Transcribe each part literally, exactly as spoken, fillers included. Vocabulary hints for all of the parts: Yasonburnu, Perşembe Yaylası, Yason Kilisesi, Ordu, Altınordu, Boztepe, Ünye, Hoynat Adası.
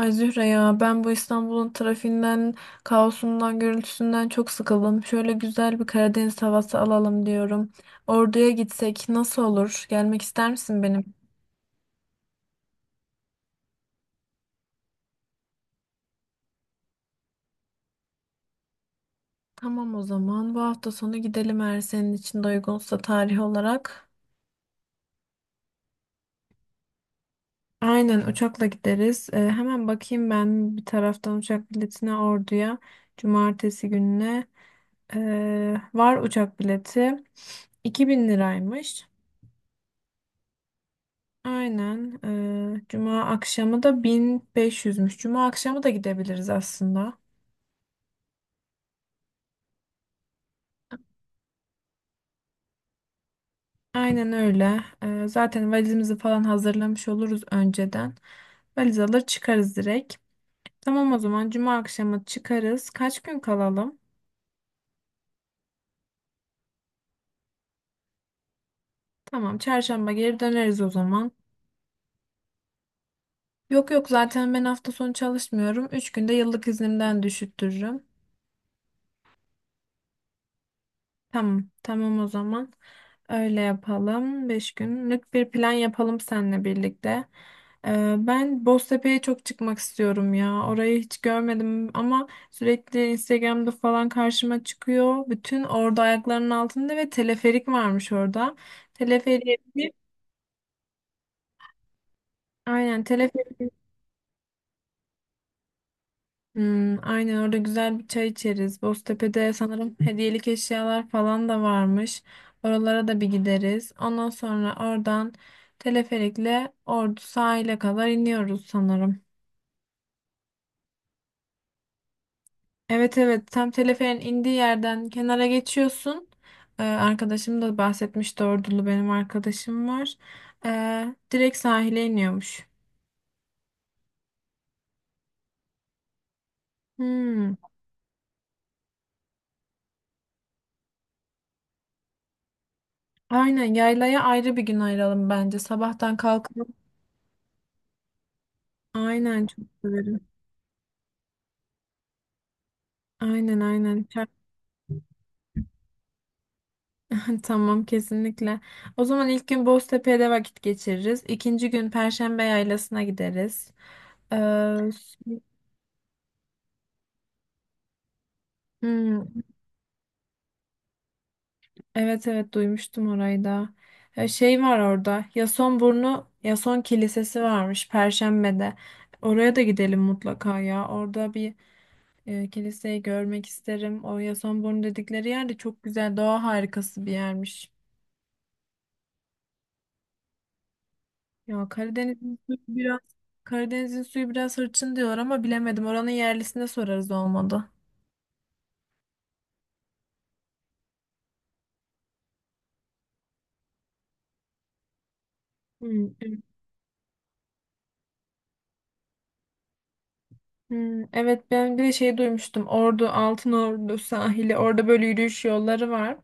Ay Zühre ya ben bu İstanbul'un trafiğinden, kaosundan, gürültüsünden çok sıkıldım. Şöyle güzel bir Karadeniz havası alalım diyorum. Ordu'ya gitsek nasıl olur? Gelmek ister misin benim? Tamam, o zaman bu hafta sonu gidelim, eğer senin için de uygunsa tarih olarak. Aynen, uçakla gideriz. Ee, hemen bakayım ben bir taraftan uçak biletine Ordu'ya. Cumartesi gününe Ee, var uçak bileti. iki bin liraymış. Aynen. Ee, Cuma akşamı da bin beş yüzmüş. Cuma akşamı da gidebiliriz aslında. Aynen öyle. Ee, zaten valizimizi falan hazırlamış oluruz önceden. Valiz alır çıkarız direkt. Tamam, o zaman Cuma akşamı çıkarız. Kaç gün kalalım? Tamam, Çarşamba geri döneriz o zaman. Yok yok, zaten ben hafta sonu çalışmıyorum. Üç günde yıllık iznimden düşüttürürüm. Tamam, tamam o zaman. Öyle yapalım. Beş günlük bir plan yapalım seninle birlikte. Ee, ben Boztepe'ye çok çıkmak istiyorum ya. Orayı hiç görmedim ama sürekli Instagram'da falan karşıma çıkıyor. Bütün orada ayaklarının altında ve teleferik varmış orada. Teleferiğe binip, aynen, teleferiğe. Hmm, aynen, orada güzel bir çay içeriz. Boztepe'de sanırım hediyelik eşyalar falan da varmış. Oralara da bir gideriz. Ondan sonra oradan teleferikle Ordu sahile kadar iniyoruz sanırım. Evet evet, tam teleferin indiği yerden kenara geçiyorsun. Ee, arkadaşım da bahsetmişti, Ordulu benim arkadaşım var. Ee, direkt sahile iniyormuş. Hmm, aynen, yaylaya ayrı bir gün ayıralım bence. Sabahtan kalkalım. Aynen, çok severim. Aynen aynen. Ta- Tamam, kesinlikle. O zaman ilk gün Boztepe'de vakit geçiririz. İkinci gün Perşembe Yaylası'na gideriz. Ee, s- hmm, evet evet, duymuştum orayı da. Ee, şey var orada. Yasonburnu, Yason Kilisesi varmış Perşembe'de. Oraya da gidelim mutlaka ya. Orada bir e, kiliseyi görmek isterim. O Yasonburnu dedikleri yer de çok güzel, doğa harikası bir yermiş. Ya Karadeniz'in suyu biraz Karadeniz'in suyu biraz hırçın diyor ama bilemedim. Oranın yerlisine sorarız olmadı. Hmm, evet. Hmm, evet, ben bir de şey duymuştum. Ordu, Altınordu sahili. Orada böyle yürüyüş yolları var.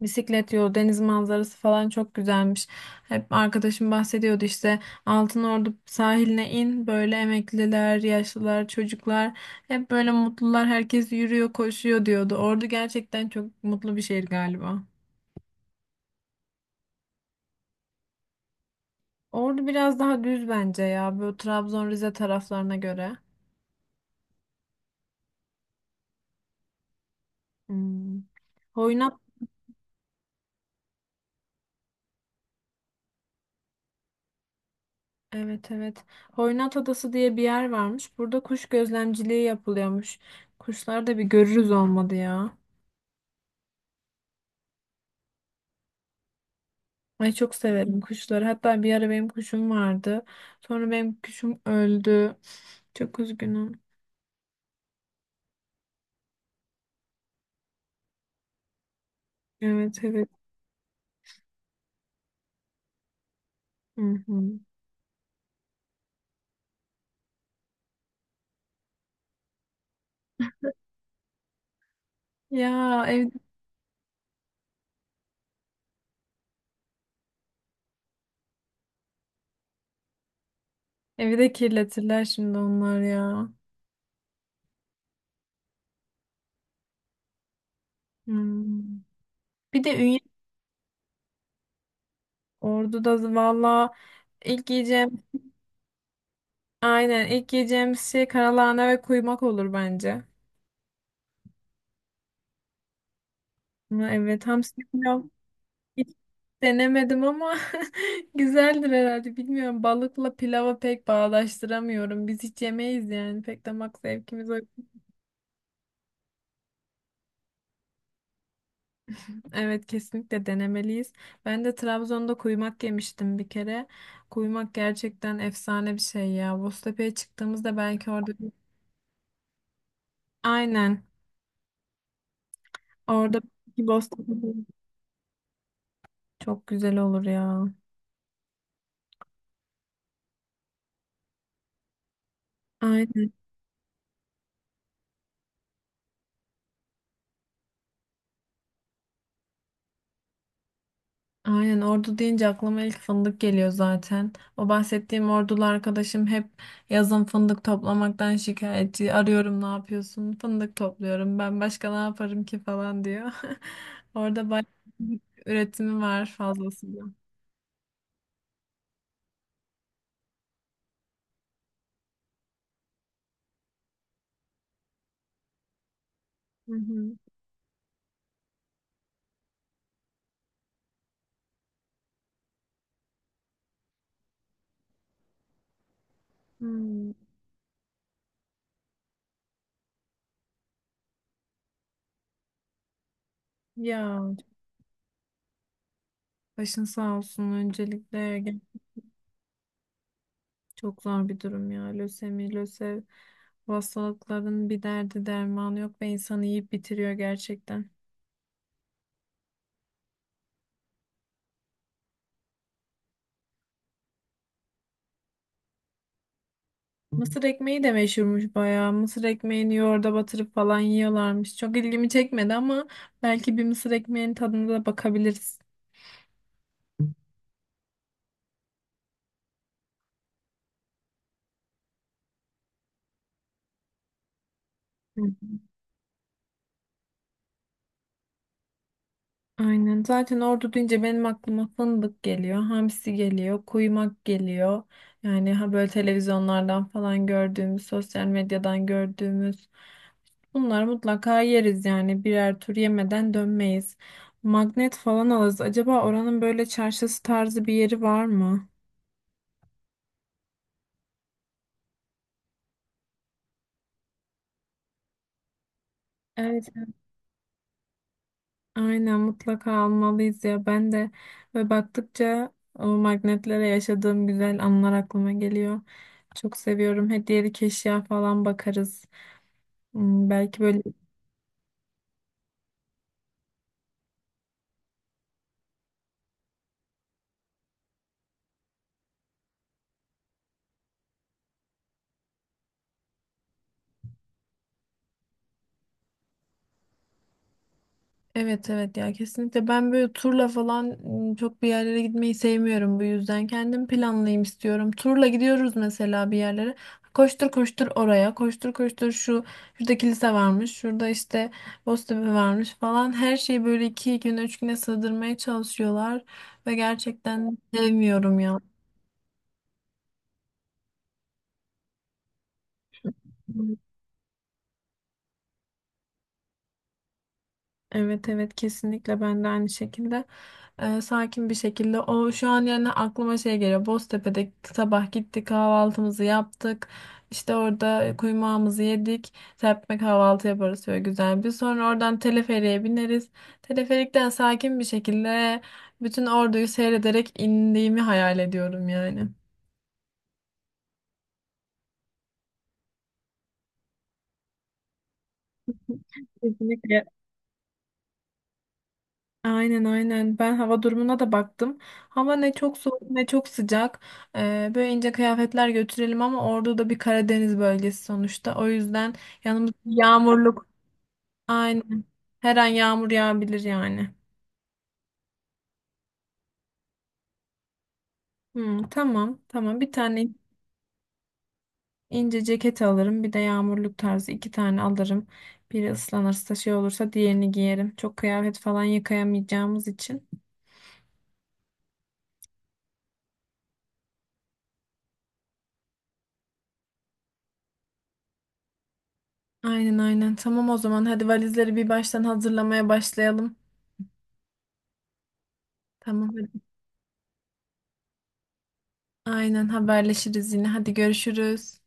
Bisiklet yolu, deniz manzarası falan çok güzelmiş. Hep arkadaşım bahsediyordu işte, Altınordu sahiline in, böyle emekliler, yaşlılar, çocuklar hep böyle mutlular, herkes yürüyor, koşuyor diyordu. Ordu gerçekten çok mutlu bir şehir galiba. Ordu biraz daha düz bence ya. Böyle Trabzon, Rize taraflarına göre. Hmm. Hoynat, evet evet. Hoynat Adası diye bir yer varmış. Burada kuş gözlemciliği yapılıyormuş. Kuşlar da bir görürüz olmadı ya. Ay, çok severim kuşları. Hatta bir ara benim kuşum vardı. Sonra benim kuşum öldü. Çok üzgünüm. Evet evet. Hı hı. Ya, ev, evi de kirletirler şimdi onlar ya. Hmm. Bir de Ünye. Ordu'da valla ilk yiyeceğim... Aynen, ilk yiyeceğimiz şey karalahana ve kuymak olur bence. Ama evet, hamsi pilav hiç denemedim ama güzeldir herhalde, bilmiyorum. Balıkla pilava pek bağdaştıramıyorum. Biz hiç yemeyiz yani, pek damak zevkimiz o. Evet, kesinlikle denemeliyiz. Ben de Trabzon'da kuymak yemiştim bir kere. Kuymak gerçekten efsane bir şey ya. Boztepe'ye çıktığımızda belki orada, aynen, orada bir Boztepe çok güzel olur ya. Aynen. Aynen, Ordu deyince aklıma ilk fındık geliyor zaten. O bahsettiğim Ordulu arkadaşım hep yazın fındık toplamaktan şikayetçi. Arıyorum, ne yapıyorsun? Fındık topluyorum. Ben başka ne yaparım ki falan diyor. Orada bayağı fındık üretimi var fazlasıyla. Hı hı. Hmm. Ya, başın sağ olsun öncelikle. Gel- Çok zor bir durum ya. Lösemi, lösev, bu hastalıkların bir derdi dermanı yok ve insanı yiyip bitiriyor gerçekten. Mısır ekmeği de meşhurmuş bayağı. Mısır ekmeğini yoğurda batırıp falan yiyorlarmış. Çok ilgimi çekmedi ama belki bir mısır ekmeğinin tadına da bakabiliriz. Hı. Aynen. Zaten Ordu deyince benim aklıma fındık geliyor, hamsi geliyor, kuymak geliyor. Yani ha, böyle televizyonlardan falan gördüğümüz, sosyal medyadan gördüğümüz, bunları mutlaka yeriz yani, birer tur yemeden dönmeyiz. Magnet falan alırız. Acaba oranın böyle çarşısı tarzı bir yeri var mı? Evet. Aynen, mutlaka almalıyız ya. Ben de. Ve baktıkça o magnetlere, yaşadığım güzel anılar aklıma geliyor. Çok seviyorum. Hediyelik eşya falan bakarız. Hmm, Belki böyle. Evet evet, ya kesinlikle ben böyle turla falan ım, çok bir yerlere gitmeyi sevmiyorum, bu yüzden kendim planlayayım istiyorum. Turla gidiyoruz mesela bir yerlere. Koştur koştur oraya, koştur koştur şu şurada, kilise varmış, şurada işte Boztepe varmış falan. Her şeyi böyle iki güne, üç güne sığdırmaya çalışıyorlar ve gerçekten sevmiyorum ya. Evet evet, kesinlikle ben de aynı şekilde, e, sakin bir şekilde. O şu an yani aklıma şey geliyor, Boztepe'de sabah gittik, kahvaltımızı yaptık, işte orada kuymağımızı yedik, serpme kahvaltı yaparız şöyle güzel bir, sonra oradan teleferiğe bineriz, teleferikten sakin bir şekilde bütün Ordu'yu seyrederek indiğimi hayal ediyorum yani. Kesinlikle. Aynen aynen. Ben hava durumuna da baktım. Hava ne çok soğuk ne çok sıcak. Ee, böyle ince kıyafetler götürelim ama orada da bir Karadeniz bölgesi sonuçta. O yüzden yanımız yağmurluk. Aynen. Her an yağmur yağabilir yani. Hmm, tamam tamam. Bir tane İnce ceket alırım. Bir de yağmurluk tarzı iki tane alırım. Biri ıslanırsa, şey olursa, diğerini giyerim. Çok kıyafet falan yıkayamayacağımız için. Aynen aynen. Tamam, o zaman hadi valizleri bir baştan hazırlamaya başlayalım. Tamam, hadi. Aynen, haberleşiriz yine. Hadi görüşürüz.